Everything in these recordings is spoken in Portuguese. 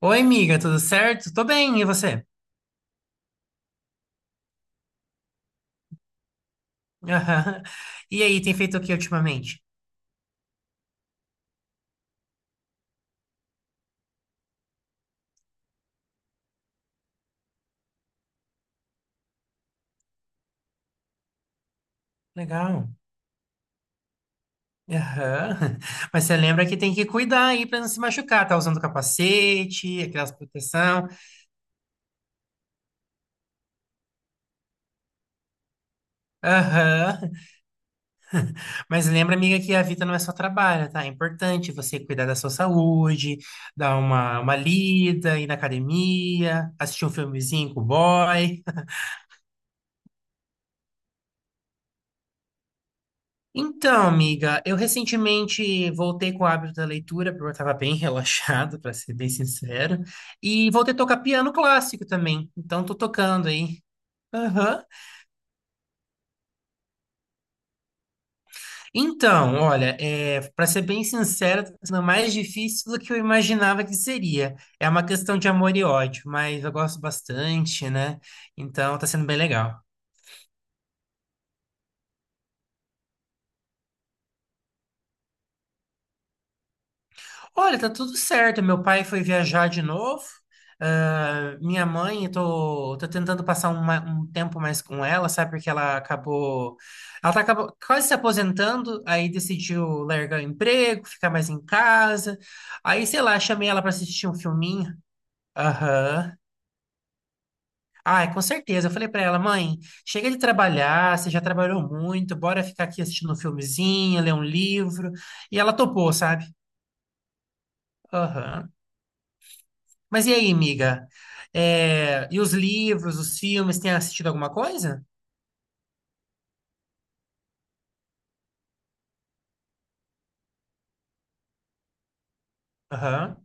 Oi, amiga, tudo certo? Tô bem, e você? Aham. E aí, tem feito o que ultimamente? Legal. Aham. Mas você lembra que tem que cuidar aí pra não se machucar, tá usando capacete, aquelas proteção. Aham. Mas lembra, amiga, que a vida não é só trabalho, tá? É importante você cuidar da sua saúde, dar uma lida, ir na academia, assistir um filmezinho com o boy. Então, amiga, eu recentemente voltei com o hábito da leitura, porque eu estava bem relaxado, para ser bem sincero, e voltei a tocar piano clássico também, então tô tocando aí. Aham. Então, olha, é, para ser bem sincero, tá sendo mais difícil do que eu imaginava que seria. É uma questão de amor e ódio, mas eu gosto bastante, né? Então tá sendo bem legal. Olha, tá tudo certo. Meu pai foi viajar de novo. Ah, minha mãe, eu tô tentando passar um, um tempo mais com ela, sabe? Porque ela acabou. Ela tá acabou, quase se aposentando, aí decidiu largar o emprego, ficar mais em casa. Aí, sei lá, chamei ela pra assistir um filminho. Aham. Ai, com certeza. Eu falei pra ela, mãe, chega de trabalhar, você já trabalhou muito, bora ficar aqui assistindo um filmezinho, ler um livro. E ela topou, sabe? Aham. Mas e aí, amiga? É, e os livros, os filmes, tem assistido alguma coisa? Aham,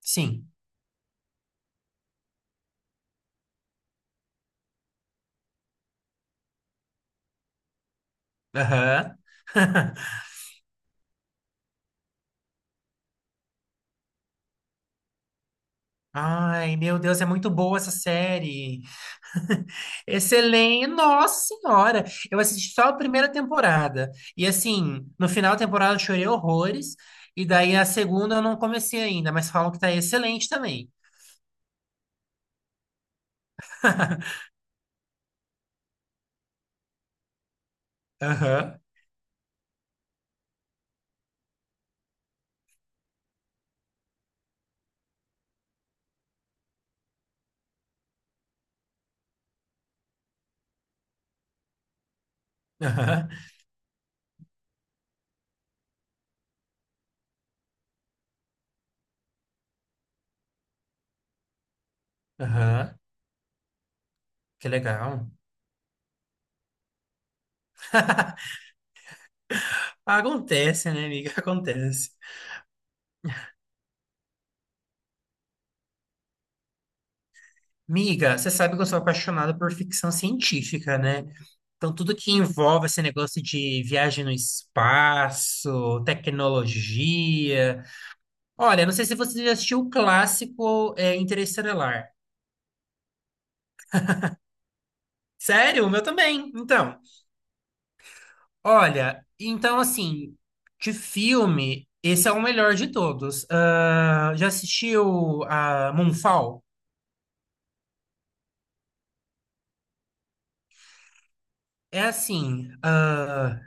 sim. Aham. Ai, meu Deus, é muito boa essa série. Excelente, nossa senhora. Eu assisti só a primeira temporada. E assim, no final da temporada eu chorei horrores. E daí a segunda eu não comecei ainda, mas falam que tá excelente também. Aham, aham, aham. Que legal. Acontece, né, amiga? Acontece. Miga, você sabe que eu sou apaixonado por ficção científica, né? Então, tudo que envolve esse negócio de viagem no espaço, tecnologia. Olha, não sei se você já assistiu o clássico Interestelar. Sério? O meu também. Então, olha, então assim, de filme, esse é o melhor de todos. Ah, já assistiu a Moonfall? É assim,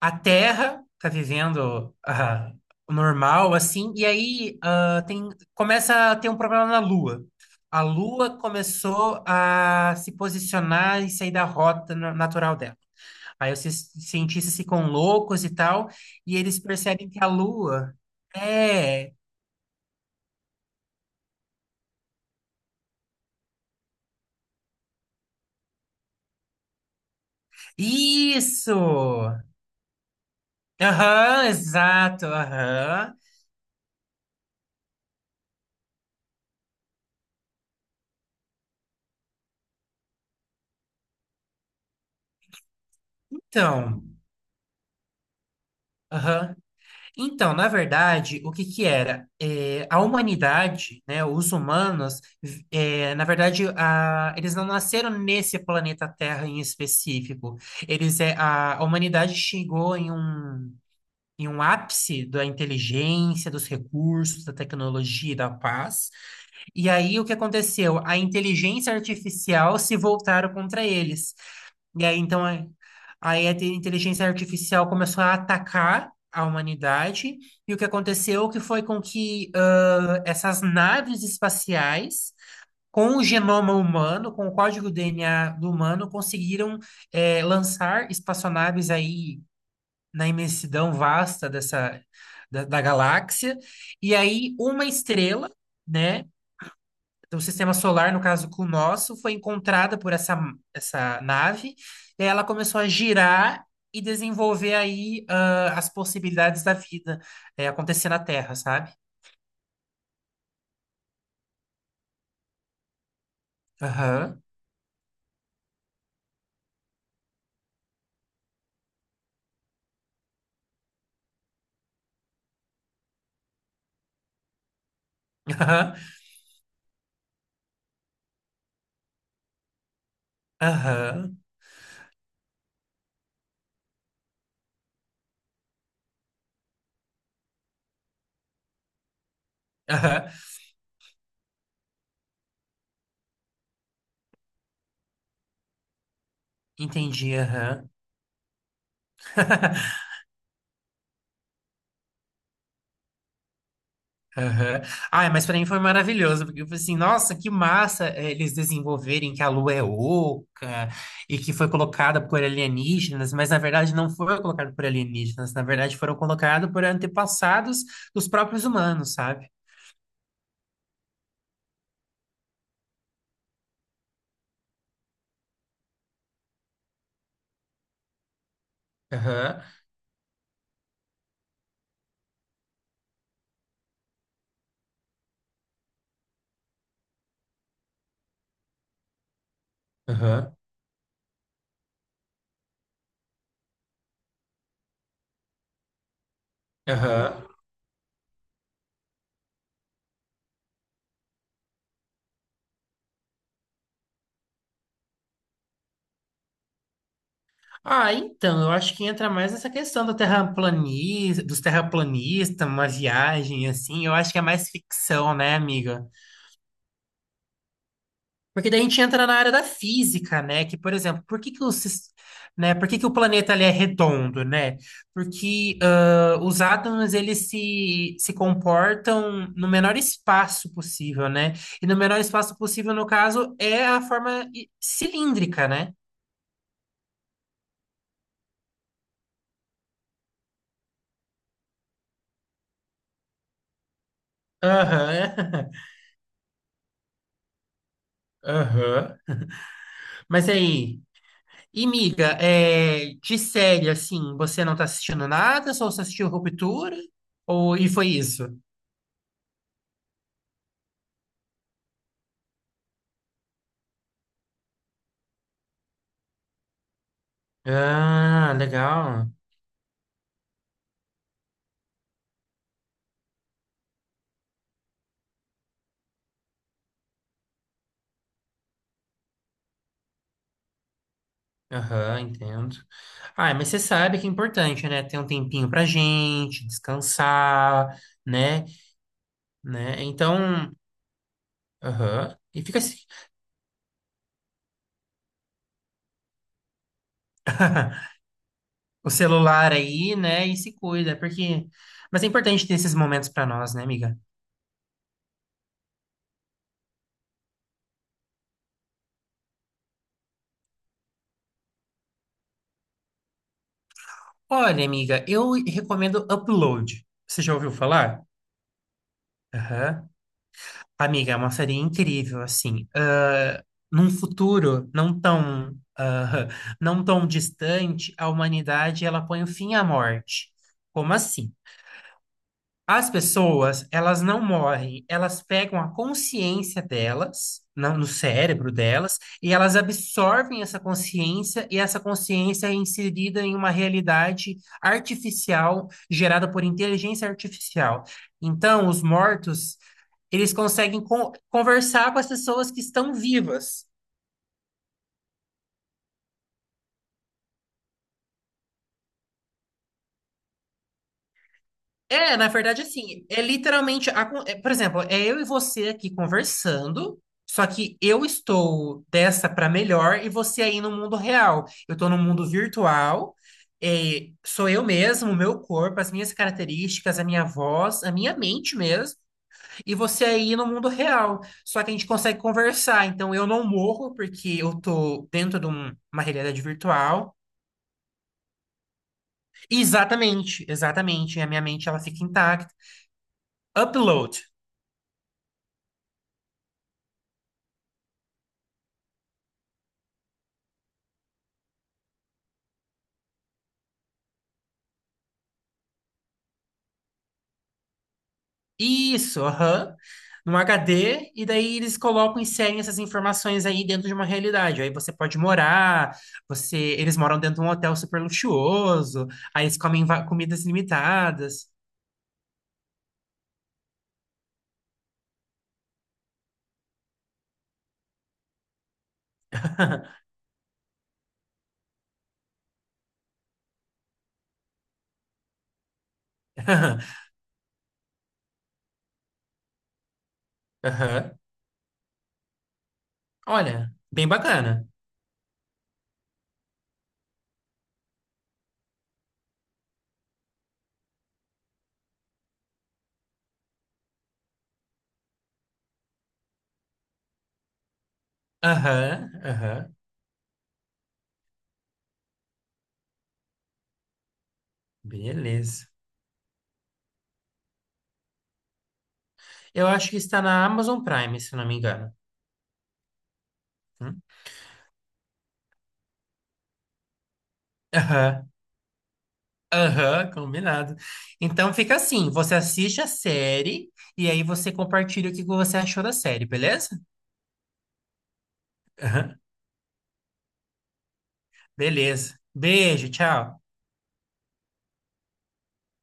a Terra tá vivendo o normal, assim, e aí começa a ter um problema na Lua. A Lua começou a se posicionar e sair da rota natural dela. Aí os cientistas ficam loucos e tal, e eles percebem que a Lua é isso! Aham, exato, aham. Então, aham. Então, na verdade, o que que era? É, a humanidade, né, os humanos, é, na verdade, eles não nasceram nesse planeta Terra em específico. Eles, é, a humanidade chegou em um ápice da inteligência, dos recursos, da tecnologia e da paz. E aí, o que aconteceu? A inteligência artificial se voltaram contra eles. E aí, então, aí a inteligência artificial começou a atacar a humanidade, e o que aconteceu que foi com que essas naves espaciais, com o genoma humano, com o código DNA do humano, conseguiram lançar espaçonaves aí na imensidão vasta dessa, da galáxia, e aí uma estrela, né? Do sistema solar, no caso com o nosso, foi encontrada por essa nave, e aí ela começou a girar e desenvolver aí as possibilidades da vida acontecer na Terra, sabe? Aham, aham, aham, aham, entendi, aham. Aham. Ai, mas pra mim foi maravilhoso, porque eu falei assim, nossa, que massa eles desenvolverem que a Lua é oca e que foi colocada por alienígenas, mas na verdade não foi colocada por alienígenas, na verdade foram colocados por antepassados dos próprios humanos, sabe? Aham, aham, aham. Ah, então, eu acho que entra mais essa questão do terraplanista, dos terraplanistas, uma viagem assim, eu acho que é mais ficção, né, amiga? Porque daí a gente entra na área da física, né? Que, por exemplo, por que que o, né? Por que que o planeta ele é redondo, né? Porque os átomos eles se comportam no menor espaço possível, né? E no menor espaço possível, no caso, é a forma cilíndrica, né? Aham, aham. Mas aí, e miga, é, de série, assim, você não tá assistindo nada? Só assistiu Ruptura? Ou, e foi isso? Ah, legal. Aham, entendo. Ah, mas você sabe que é importante, né? Ter um tempinho pra gente, descansar, né? Né? Então, aham. E fica assim, o celular aí, né? E se cuida, porque... Mas é importante ter esses momentos pra nós, né, amiga? Olha, amiga, eu recomendo Upload. Você já ouviu falar? Aham. Amiga, é uma série incrível, assim. Ah, num futuro não tão, ah, não tão distante, a humanidade ela põe o fim à morte. Como assim? As pessoas, elas não morrem, elas pegam a consciência delas, no cérebro delas, e elas absorvem essa consciência, e essa consciência é inserida em uma realidade artificial, gerada por inteligência artificial. Então, os mortos, eles conseguem conversar com as pessoas que estão vivas. É, na verdade, assim, é literalmente, é, por exemplo, é eu e você aqui conversando, só que eu estou dessa para melhor e você aí no mundo real. Eu estou no mundo virtual, é, sou eu mesmo, o meu corpo, as minhas características, a minha voz, a minha mente mesmo, e você aí no mundo real. Só que a gente consegue conversar, então eu não morro porque eu estou dentro de uma realidade virtual. Exatamente, exatamente, a minha mente ela fica intacta. Upload. Isso, aham. Num HD, e daí eles colocam, inserem essas informações aí dentro de uma realidade. Aí você pode morar, você, eles moram dentro de um hotel super luxuoso, aí eles comem comidas limitadas. Aham. Olha, bem bacana. Aham, aham. Beleza. Eu acho que está na Amazon Prime, se não me engano. Hum? Aham. Aham, combinado. Então fica assim, você assiste a série e aí você compartilha o que você achou da série, beleza? Aham, beleza. Beijo, tchau.